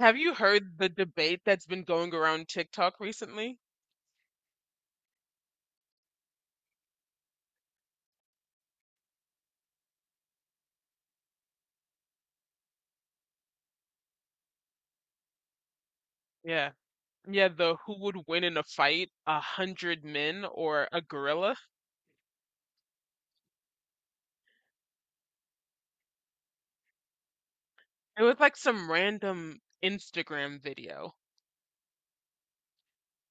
Have you heard the debate that's been going around TikTok recently? Yeah. Yeah, the who would win in a fight, a hundred men or a gorilla? It was like some random Instagram video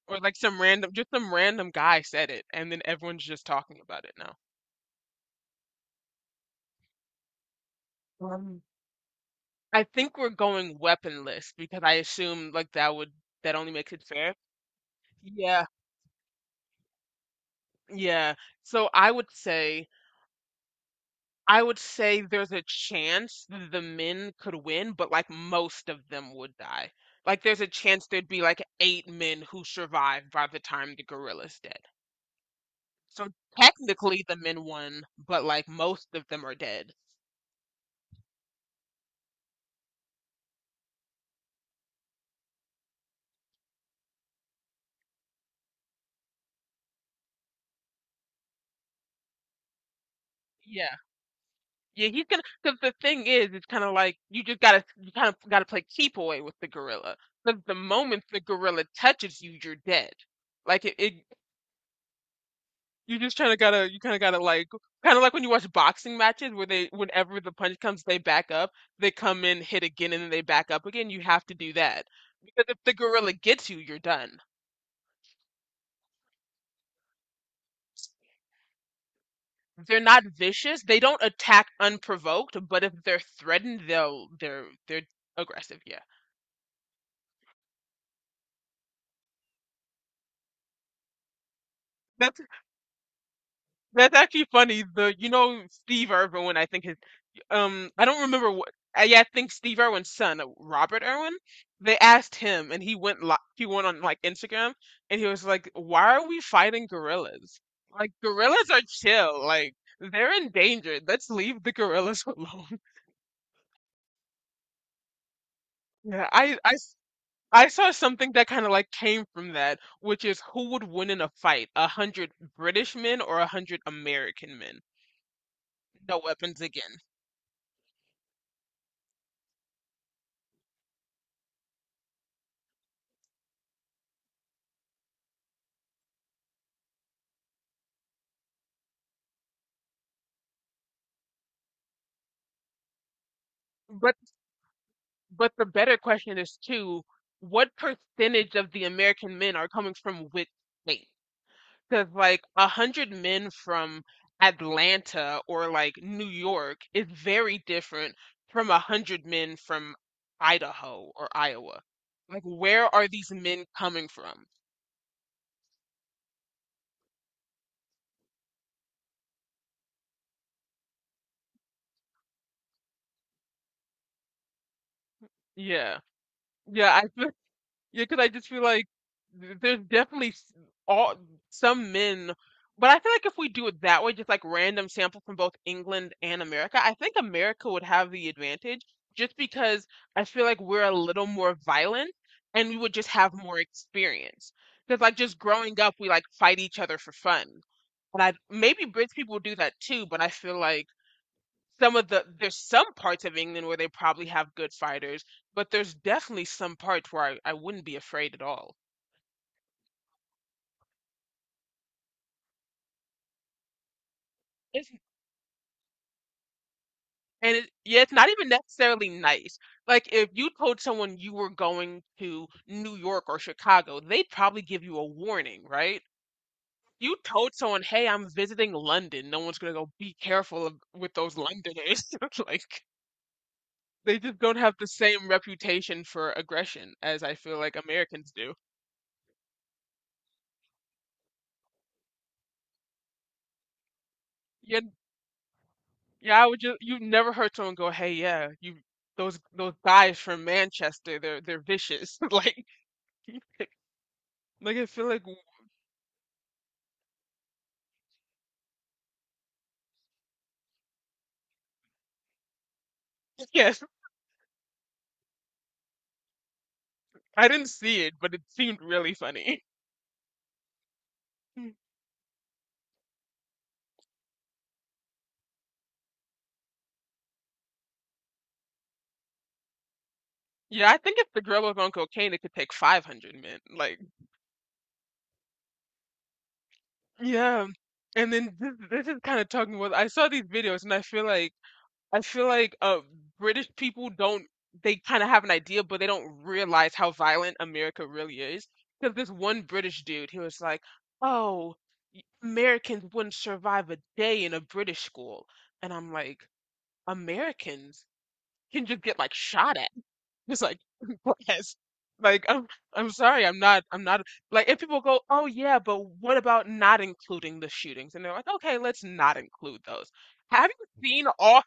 or like some random, just some random guy said it, and then everyone's just talking about it now. Um, I think we're going weaponless because I assume like that would that only makes it fair. Yeah, yeah. So I would say there's a chance the men could win, but like most of them would die. Like there's a chance there'd be like eight men who survived by the time the gorilla's dead. So technically the men won, but like most of them are dead. Yeah. Yeah, he's gonna, because the thing is, it's kind of like you just gotta, you kind of gotta play keep away with the gorilla. Because the moment the gorilla touches you, you're dead. Like it. You just kind of gotta, you kind of gotta like, kind of like when you watch boxing matches where they, whenever the punch comes, they back up, they come in, hit again, and then they back up again. You have to do that because if the gorilla gets you, you're done. They're not vicious. They don't attack unprovoked, but if they're threatened, they're aggressive. Yeah, that's That's actually funny. The you know Steve Irwin, I think his I don't remember what yeah, I think Steve Irwin's son, Robert Irwin, they asked him and he went li he went on like Instagram and he was like, "Why are we fighting gorillas? Like gorillas are chill. Like they're endangered. Let's leave the gorillas alone." Yeah, I saw something that kind of like came from that, which is who would win in a fight, a hundred British men or a hundred American men? No weapons again. But But the better question is too, what percentage of the American men are coming from which state? Because like a hundred men from Atlanta or like New York is very different from a hundred men from Idaho or Iowa. Like where are these men coming from? Yeah. Yeah, I Yeah, because I just feel like there's definitely s- all some men, but I feel like if we do it that way, just like random sample from both England and America, I think America would have the advantage just because I feel like we're a little more violent and we would just have more experience. Because like just growing up, we like fight each other for fun. And I maybe British people do that too, but I feel like some of the there's some parts of England where they probably have good fighters, but there's definitely some parts where I wouldn't be afraid at all. It's, yeah, it's not even necessarily nice. Like if you told someone you were going to New York or Chicago, they'd probably give you a warning, right? You told someone, "Hey, I'm visiting London." No one's gonna go, "Be careful of, with those Londoners." Like they just don't have the same reputation for aggression as I feel like Americans do. Yeah, I would just you never heard someone go, "Hey, yeah, you those guys from Manchester, they're vicious." Like, like I feel like yes, I didn't see it, but it seemed really funny. Yeah, I think if the girl was on cocaine, it could take 500 men. Like, yeah. And then this is kind of talking about, I saw these videos and I feel like I feel like uh, British people don't, they kind of have an idea, but they don't realize how violent America really is. Because this one British dude, he was like, oh, Americans wouldn't survive a day in a British school. And I'm like, Americans can just get like shot at. It's like, yes. Like, I'm, I'm sorry, I'm not, like, if people go, oh yeah, but what about not including the shootings? And they're like, okay, let's not include those. Have you seen all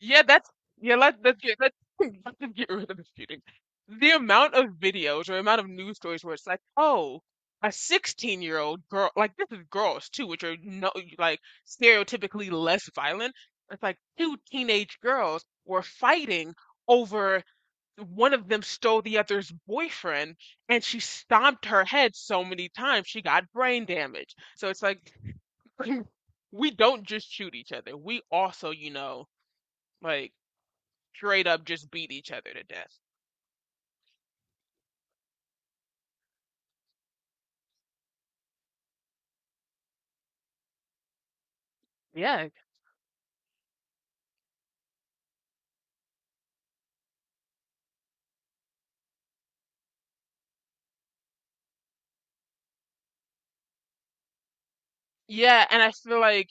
yeah, that's yeah. Let's just get rid of the shooting. The amount of videos or amount of news stories where it's like, oh, a 16-year-old girl, like this is girls too, which are no like stereotypically less violent. It's like two teenage girls were fighting over one of them stole the other's boyfriend, and she stomped her head so many times she got brain damage. So it's like we don't just shoot each other. We also, you know, like straight up just beat each other to death. Yeah. Yeah, and I feel like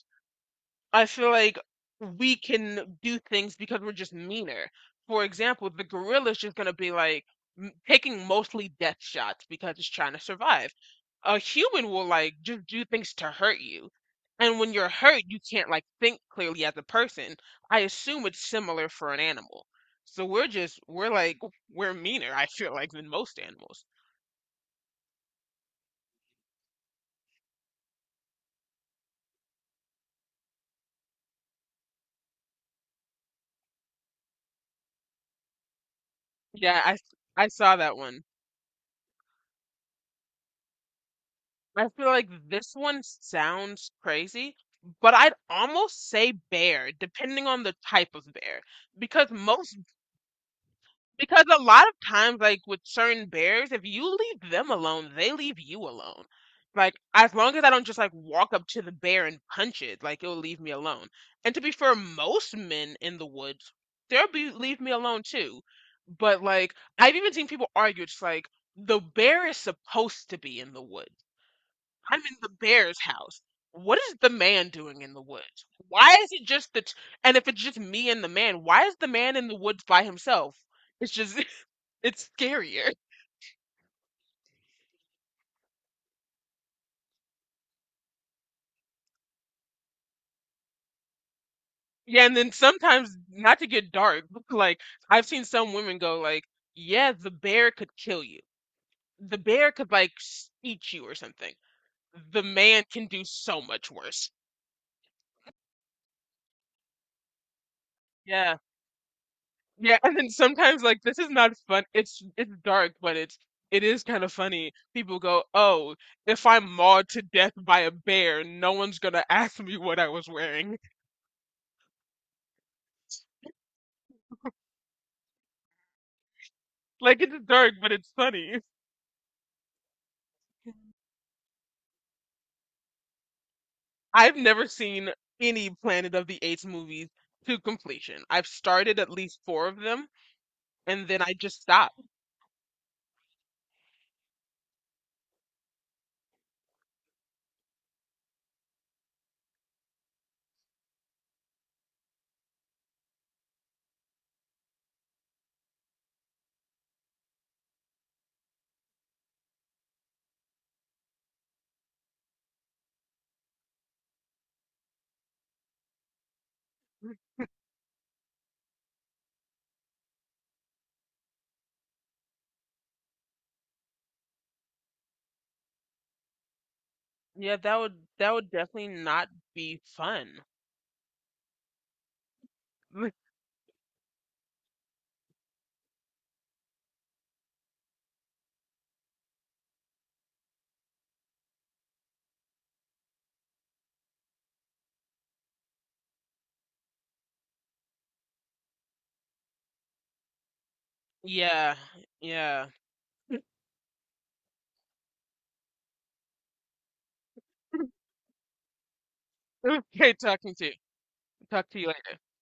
I feel like we can do things because we're just meaner. For example, the gorilla's just gonna be like taking mostly death shots because it's trying to survive. A human will like just do things to hurt you. And when you're hurt, you can't like think clearly as a person. I assume it's similar for an animal. So we're meaner, I feel like, than most animals. Yeah, I saw that one. I feel like this one sounds crazy, but I'd almost say bear, depending on the type of bear. Because most, because a lot of times, like with certain bears, if you leave them alone, they leave you alone. Like, as long as I don't just like walk up to the bear and punch it, like it'll leave me alone. And to be fair, most men in the woods, they'll be leave me alone too. But like, I've even seen people argue, it's like the bear is supposed to be in the woods I'm in the bear's house. What is the man doing in the woods? Why is it just the t- and if it's just me and the man, why is the man in the woods by himself? It's just it's scarier. Yeah, and then sometimes not to get dark, like I've seen some women go like, "Yeah, the bear could kill you. The bear could like eat you or something. The man can do so much worse." Yeah. Yeah, and then sometimes like this is not fun. It's dark, but it's it is kind of funny. People go, "Oh, if I'm mauled to death by a bear, no one's gonna ask me what I was wearing." Like it's dark, but it's funny. I've never seen any Planet of the Apes movies to completion. I've started at least four of them, and then I just stopped. Yeah, that would definitely not be fun. Yeah, yeah. It was great talking to you. Talk to you later.